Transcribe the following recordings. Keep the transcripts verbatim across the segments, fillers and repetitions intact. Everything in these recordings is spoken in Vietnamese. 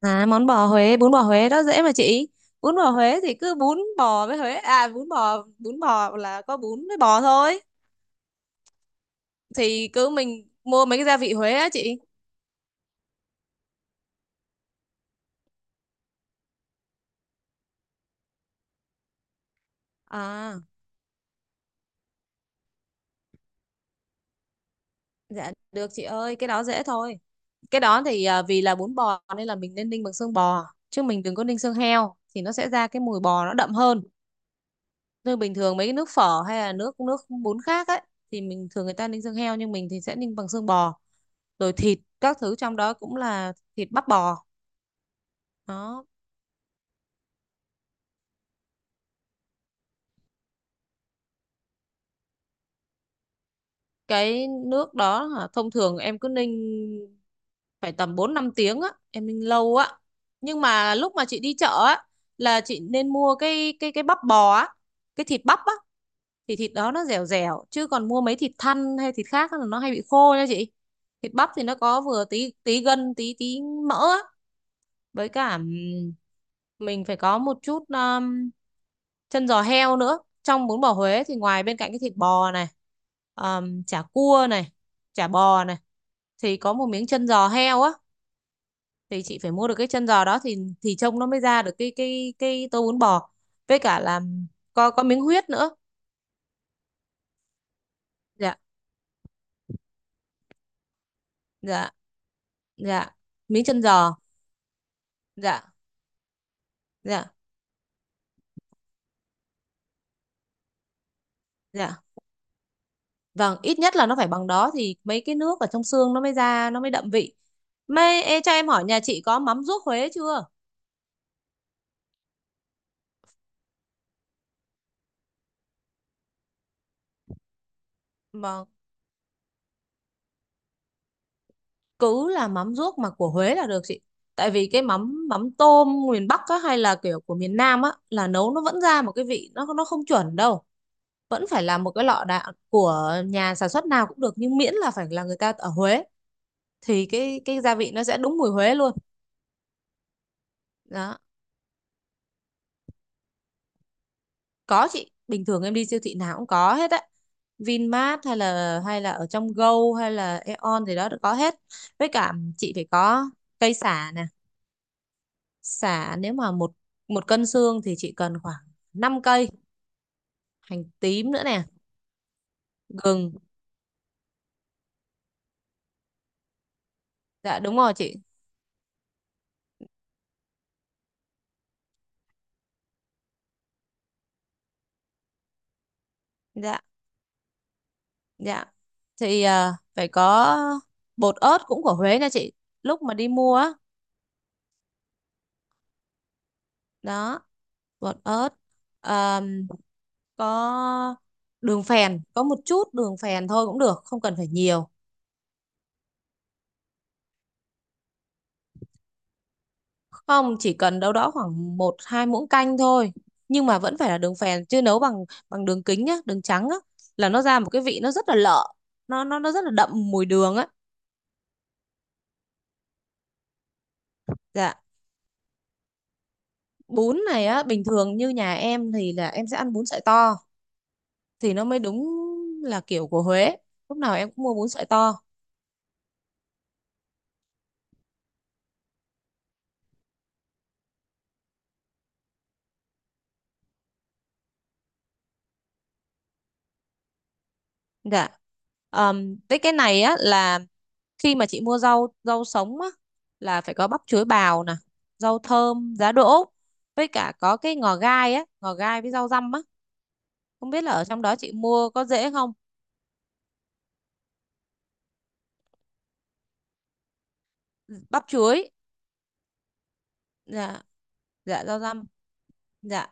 À, món bò Huế, bún bò Huế đó dễ mà chị. Bún bò Huế thì cứ bún bò với Huế, à bún bò, bún bò là có bún với bò thôi. Thì cứ mình mua mấy cái gia vị Huế á chị. À, dạ được chị ơi, cái đó dễ thôi. Cái đó thì à, vì là bún bò nên là mình nên ninh bằng xương bò, chứ mình đừng có ninh xương heo thì nó sẽ ra cái mùi bò nó đậm hơn. Như bình thường mấy cái nước phở hay là nước nước bún khác ấy thì mình thường người ta ninh xương heo nhưng mình thì sẽ ninh bằng xương bò. Rồi thịt các thứ trong đó cũng là thịt bắp bò đó. Cái nước đó hả, thông thường em cứ ninh phải tầm bốn năm tiếng á, em ninh lâu á. Nhưng mà lúc mà chị đi chợ á là chị nên mua cái cái cái bắp bò á, cái thịt bắp á thì thịt đó nó dẻo dẻo chứ còn mua mấy thịt thăn hay thịt khác á là nó hay bị khô nha chị. Thịt bắp thì nó có vừa tí tí gân tí tí mỡ á, với cả mình phải có một chút um, chân giò heo nữa. Trong bún bò Huế thì ngoài bên cạnh cái thịt bò này, um, chả cua này, chả bò này, thì có một miếng chân giò heo á, thì chị phải mua được cái chân giò đó thì thì trông nó mới ra được cái cái cái tô bún bò, với cả là có có miếng huyết nữa. Dạ, dạ, dạ, miếng chân giò. Dạ, dạ, dạ. Vâng, ít nhất là nó phải bằng đó thì mấy cái nước ở trong xương nó mới ra, nó mới đậm vị. Mê, ê, cho em hỏi nhà chị có mắm ruốc Huế chưa? Vâng, cứ là mắm ruốc mà của Huế là được chị. Tại vì cái mắm mắm tôm miền Bắc á, hay là kiểu của miền Nam á là nấu nó vẫn ra một cái vị nó nó không chuẩn đâu. Vẫn phải là một cái lọ đạn của nhà sản xuất nào cũng được nhưng miễn là phải là người ta ở Huế thì cái cái gia vị nó sẽ đúng mùi Huế luôn. Đó. Có chị, bình thường em đi siêu thị nào cũng có hết á. vin mát hay là hay là ở trong Go hay là ây ôn gì đó đều có hết. Với cả chị phải có cây sả nè. Sả nếu mà một một cân xương thì chị cần khoảng năm cây, hành tím nữa nè, gừng. Dạ đúng rồi chị. Dạ, dạ. Thì à, phải có bột ớt cũng của Huế nha chị. Lúc mà đi mua á, đó bột ớt. Ờm, có đường phèn, có một chút đường phèn thôi cũng được, không cần phải nhiều. Không, chỉ cần đâu đó khoảng một hai muỗng canh thôi, nhưng mà vẫn phải là đường phèn chứ nấu bằng bằng đường kính nhá, đường trắng á là nó ra một cái vị nó rất là lợ, nó nó nó rất là đậm mùi đường á. Dạ, bún này á bình thường như nhà em thì là em sẽ ăn bún sợi to, thì nó mới đúng là kiểu của Huế, lúc nào em cũng mua bún sợi to. Dạ. Ờm, với cái này á là khi mà chị mua rau rau sống á là phải có bắp chuối bào nè, rau thơm, giá đỗ, với cả có cái ngò gai á, ngò gai với rau răm á, không biết là ở trong đó chị mua có dễ không. Bắp chuối. Dạ, dạ, rau răm. Dạ.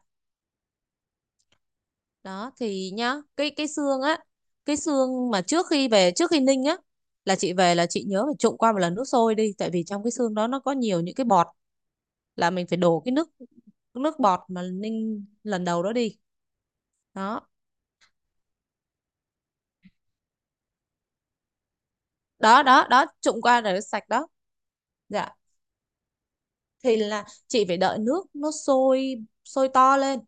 Đó thì nhá, cái cái xương á, cái xương mà trước khi về trước khi ninh á, là chị về là chị nhớ phải trụng qua một lần nước sôi đi, tại vì trong cái xương đó nó có nhiều những cái bọt, là mình phải đổ cái nước, nước bọt mà ninh lần đầu đó đi. Đó, đó, đó, đó, trụng qua rồi sạch đó. Dạ. Thì là chị phải đợi nước nó sôi, sôi to lên,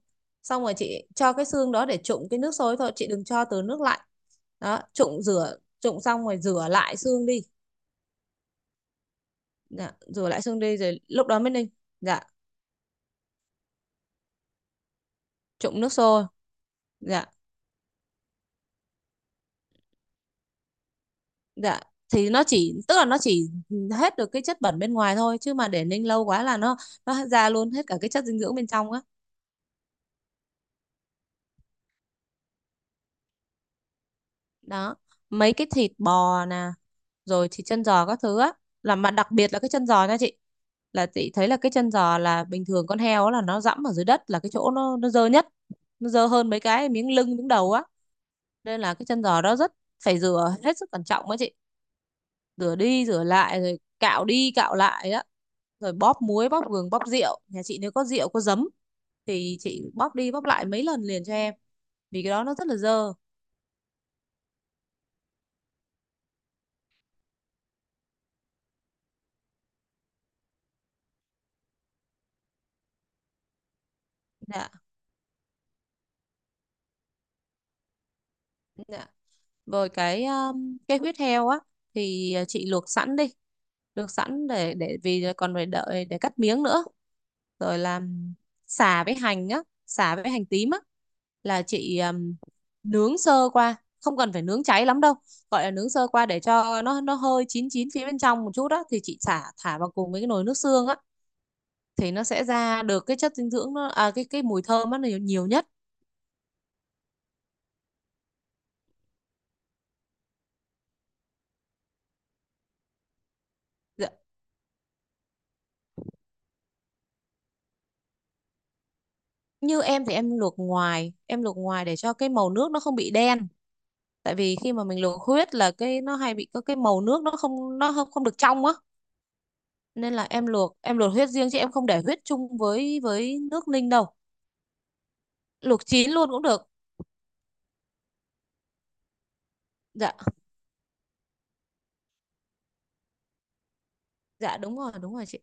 xong rồi chị cho cái xương đó để trụng cái nước sôi thôi, chị đừng cho từ nước lạnh. Đó, trụng rửa, trụng xong rồi rửa lại xương đi. Dạ, rửa lại xương đi rồi lúc đó mới ninh. Dạ. Trụng nước sôi. Dạ. Dạ. Thì nó chỉ tức là nó chỉ hết được cái chất bẩn bên ngoài thôi, chứ mà để ninh lâu quá là nó nó ra luôn hết cả cái chất dinh dưỡng bên trong á. Đó, mấy cái thịt bò nè, rồi thì chân giò các thứ á, là mà đặc biệt là cái chân giò nha chị. Là chị thấy là cái chân giò là bình thường con heo á là nó dẫm ở dưới đất là cái chỗ nó nó dơ nhất, nó dơ hơn mấy cái miếng lưng miếng đầu á, nên là cái chân giò đó rất phải rửa hết sức cẩn trọng á chị. Rửa đi rửa lại rồi cạo đi cạo lại á, rồi bóp muối, bóp gừng, bóp rượu, nhà chị nếu có rượu có giấm thì chị bóp đi bóp lại mấy lần liền cho em, vì cái đó nó rất là dơ. Dạ, dạ. Rồi cái um, cái huyết heo á, thì ờ, chị luộc sẵn đi, luộc sẵn để để vì còn phải đợi để cắt miếng nữa. Rồi làm sả với hành á, sả với hành tím á, là chị um, nướng sơ qua, không cần phải nướng cháy lắm đâu. Gọi là nướng sơ qua để cho nó nó hơi chín chín phía bên trong một chút đó, thì chị xả thả vào cùng với cái nồi nước xương á, thì nó sẽ ra được cái chất dinh dưỡng nó à, cái cái mùi thơm nó nhiều, nhiều nhất. Dạ. Như em thì em luộc ngoài, em luộc ngoài để cho cái màu nước nó không bị đen, tại vì khi mà mình luộc huyết là cái nó hay bị có cái màu nước nó không nó không không được trong á, nên là em luộc em luộc huyết riêng chứ em không để huyết chung với với nước ninh đâu. Luộc chín luôn cũng được. Dạ. Dạ đúng rồi, đúng rồi chị.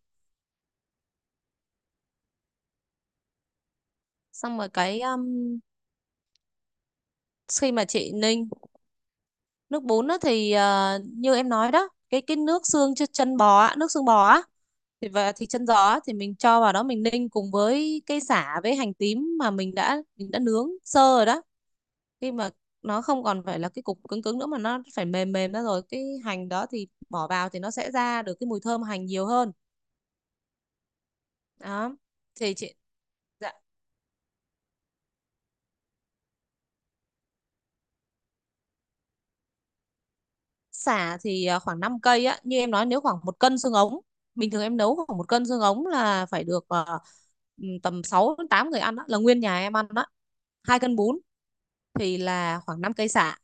Xong rồi cái um, khi mà chị ninh nước bún á thì ờ, như em nói đó, cái cái nước xương ch- chân bò á, nước xương bò á, thì và thịt chân giò á, thì mình cho vào đó mình ninh cùng với cây sả với hành tím mà mình đã mình đã nướng sơ rồi đó. Khi mà nó không còn phải là cái cục cứng cứng nữa mà nó phải mềm mềm ra rồi, cái hành đó thì bỏ vào thì nó sẽ ra được cái mùi thơm hành nhiều hơn. Đó thì chị. Dạ. Sả thì à, khoảng năm cây á như em nói, nếu khoảng một cân xương ống, bình thường em nấu khoảng một cân xương ống là phải được à, ừ, tầm sáu đến tám người ăn đó, là nguyên nhà em ăn đó, hai cân bún. Thì là khoảng năm cây sả,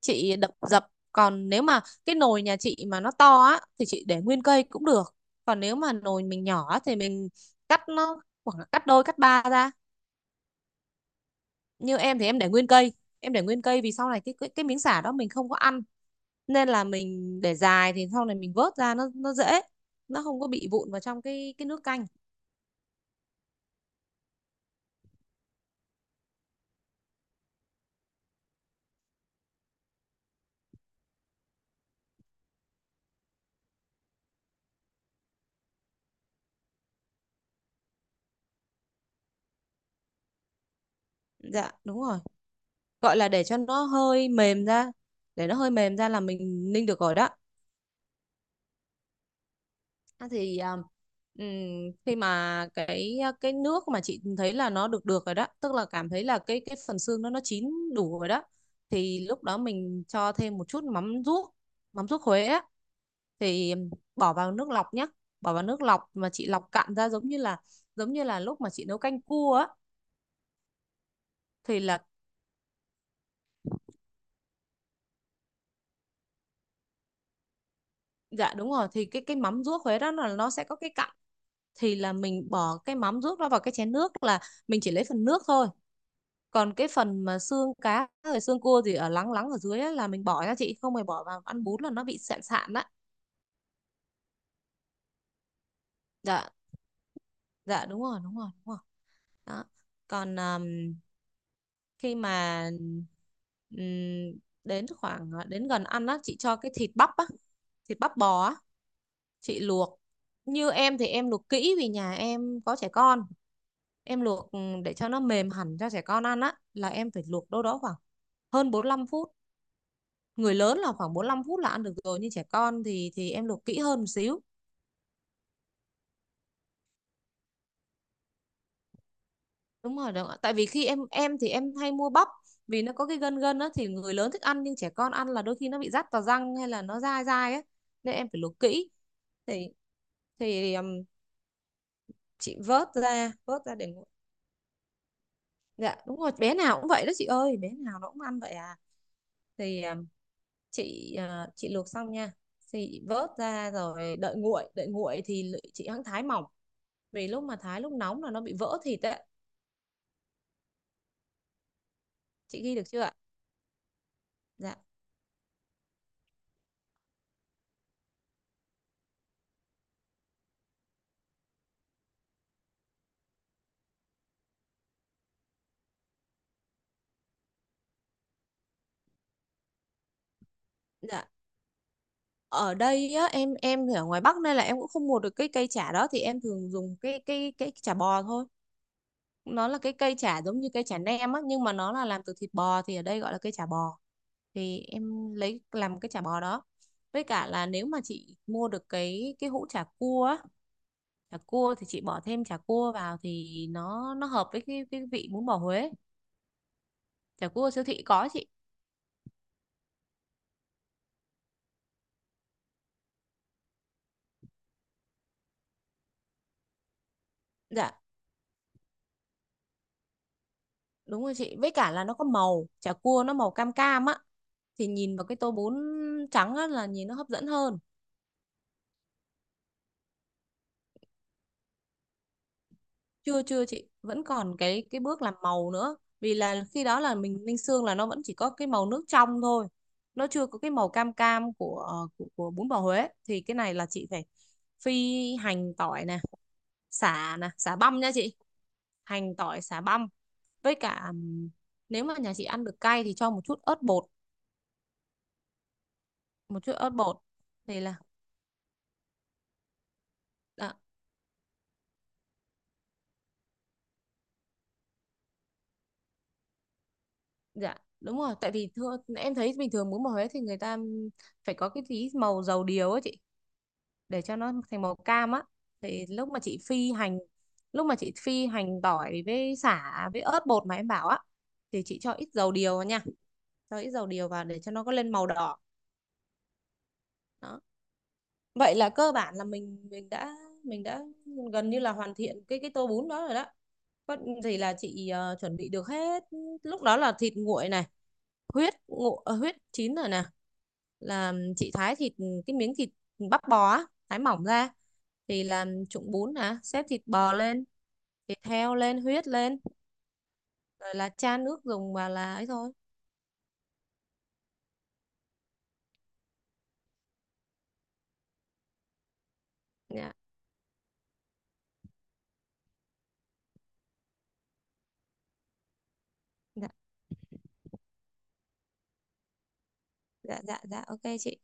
chị đập dập. Còn nếu mà cái nồi nhà chị mà nó to á thì chị để nguyên cây cũng được, còn nếu mà nồi mình nhỏ á, thì mình cắt nó khoảng cắt đôi cắt ba ra. Như em thì em để nguyên cây, em để nguyên cây vì sau này cái cái, cái miếng sả đó mình không có ăn, nên là mình để dài thì sau này mình vớt ra nó nó dễ, nó không có bị vụn vào trong cái cái nước canh. Dạ đúng rồi. Gọi là để cho nó hơi mềm ra, để nó hơi mềm ra là mình ninh được rồi đó. À, thì um, ừm, khi mà cái cái nước mà chị thấy là nó được được rồi đó, tức là cảm thấy là cái cái phần xương nó nó chín đủ rồi đó, thì lúc đó mình cho thêm một chút mắm ruốc, mắm ruốc Huế á, thì bỏ vào nước lọc nhé, bỏ vào nước lọc mà chị lọc cạn ra, giống như là giống như là lúc mà chị nấu canh cua á, thì là. Dạ đúng rồi, thì cái cái mắm ruốc Huế đó là nó sẽ có cái cặn, thì là mình bỏ cái mắm ruốc đó vào cái chén nước, là mình chỉ lấy phần nước thôi. Còn cái phần mà xương cá rồi xương cua gì ở lắng lắng ở dưới ấy, là mình bỏ nha chị, không phải bỏ vào ăn bún là nó bị sạn sạn đấy. Dạ, dạ đúng rồi, đúng rồi, đúng rồi. Đó. Còn um, khi mà um, đến khoảng ờ, đến gần ăn á, chị cho cái thịt Bắp á, thịt bắp bò á, chị luộc. Như em thì em luộc kỹ vì nhà em có trẻ con. Em luộc ừ, để cho nó mềm hẳn cho trẻ con ăn á, là em phải luộc đâu đó khoảng hơn bốn lăm phút. Người lớn là khoảng bốn lăm phút là ăn được rồi, nhưng trẻ con thì thì em luộc kỹ hơn một xíu. Đúng rồi, đúng ạ. Tại vì khi em em thì em hay mua bắp, vì nó có cái gân gân á thì người lớn thích ăn, nhưng trẻ con ăn là đôi khi nó bị rát vào răng hay là nó dai dai á, nên em phải luộc kỹ. Thì thì um, Chị vớt ra, vớt ra để nguội. Dạ đúng rồi, bé nào cũng vậy đó chị ơi, bé nào nó cũng ăn vậy à. Thì um, Chị à, chị luộc xong nha, thì chị vớt ra rồi đợi nguội, đợi nguội thì chị hãng thái mỏng, vì lúc mà thái lúc nóng là nó bị vỡ thịt ấy. Chị ghi được chưa ạ? Dạ dạ. Ở đây á, em em thì ở ngoài Bắc nên là em cũng không mua được cái cây chả đó, thì em thường dùng cái cái cái chả bò thôi. Nó là cái cây chả giống như cây chả nem á, nhưng mà nó là làm từ thịt bò, thì ở đây gọi là cây chả bò. Thì em lấy làm cái chả bò đó. Với cả là nếu mà chị mua được cái cái hũ chả cua á, chả cua thì chị bỏ thêm chả cua vào thì nó nó hợp với cái cái vị bún bò Huế. Chả cua siêu thị có chị. Dạ đúng rồi chị, với cả là nó có màu, chả cua nó màu cam cam á, thì nhìn vào cái tô bún trắng á là nhìn nó hấp dẫn hơn. Chưa chưa, chị vẫn còn cái cái bước làm màu nữa, vì là khi đó là mình ninh xương là nó vẫn chỉ có cái màu nước trong thôi. Nó chưa có cái màu cam cam của ờ, của, của bún bò Huế, thì cái này là chị phải phi hành tỏi nè, sả nè, sả băm nha chị. Hành tỏi sả băm, với cả ừm, nếu mà nhà chị ăn được cay thì cho một chút ớt bột, một chút ớt bột. thì là à, Dạ đúng rồi, tại vì thưa, em thấy bình thường muốn màu Huế thì người ta phải có cái tí màu dầu điều á chị, để cho nó thành màu cam á. Thì lúc mà chị phi hành lúc mà chị phi hành tỏi với sả với ớt bột mà em bảo á, thì chị cho ít dầu điều vào nha, cho ít dầu điều vào để cho nó có lên màu đỏ. Đó, vậy là cơ bản là mình mình đã mình đã gần như là hoàn thiện cái cái tô bún đó rồi đó. Có gì là chị ờ, chuẩn bị được hết. Lúc đó là thịt nguội này, huyết ngộ ờ, huyết chín rồi nè, là chị thái thịt, cái miếng thịt bắp bò á, thái mỏng ra, thì làm trụng bún nè, xếp thịt bò lên, thịt heo lên, huyết lên, rồi là chan nước dùng và là ấy thôi. Dạ dạ dạ dạ dạ, ok chị.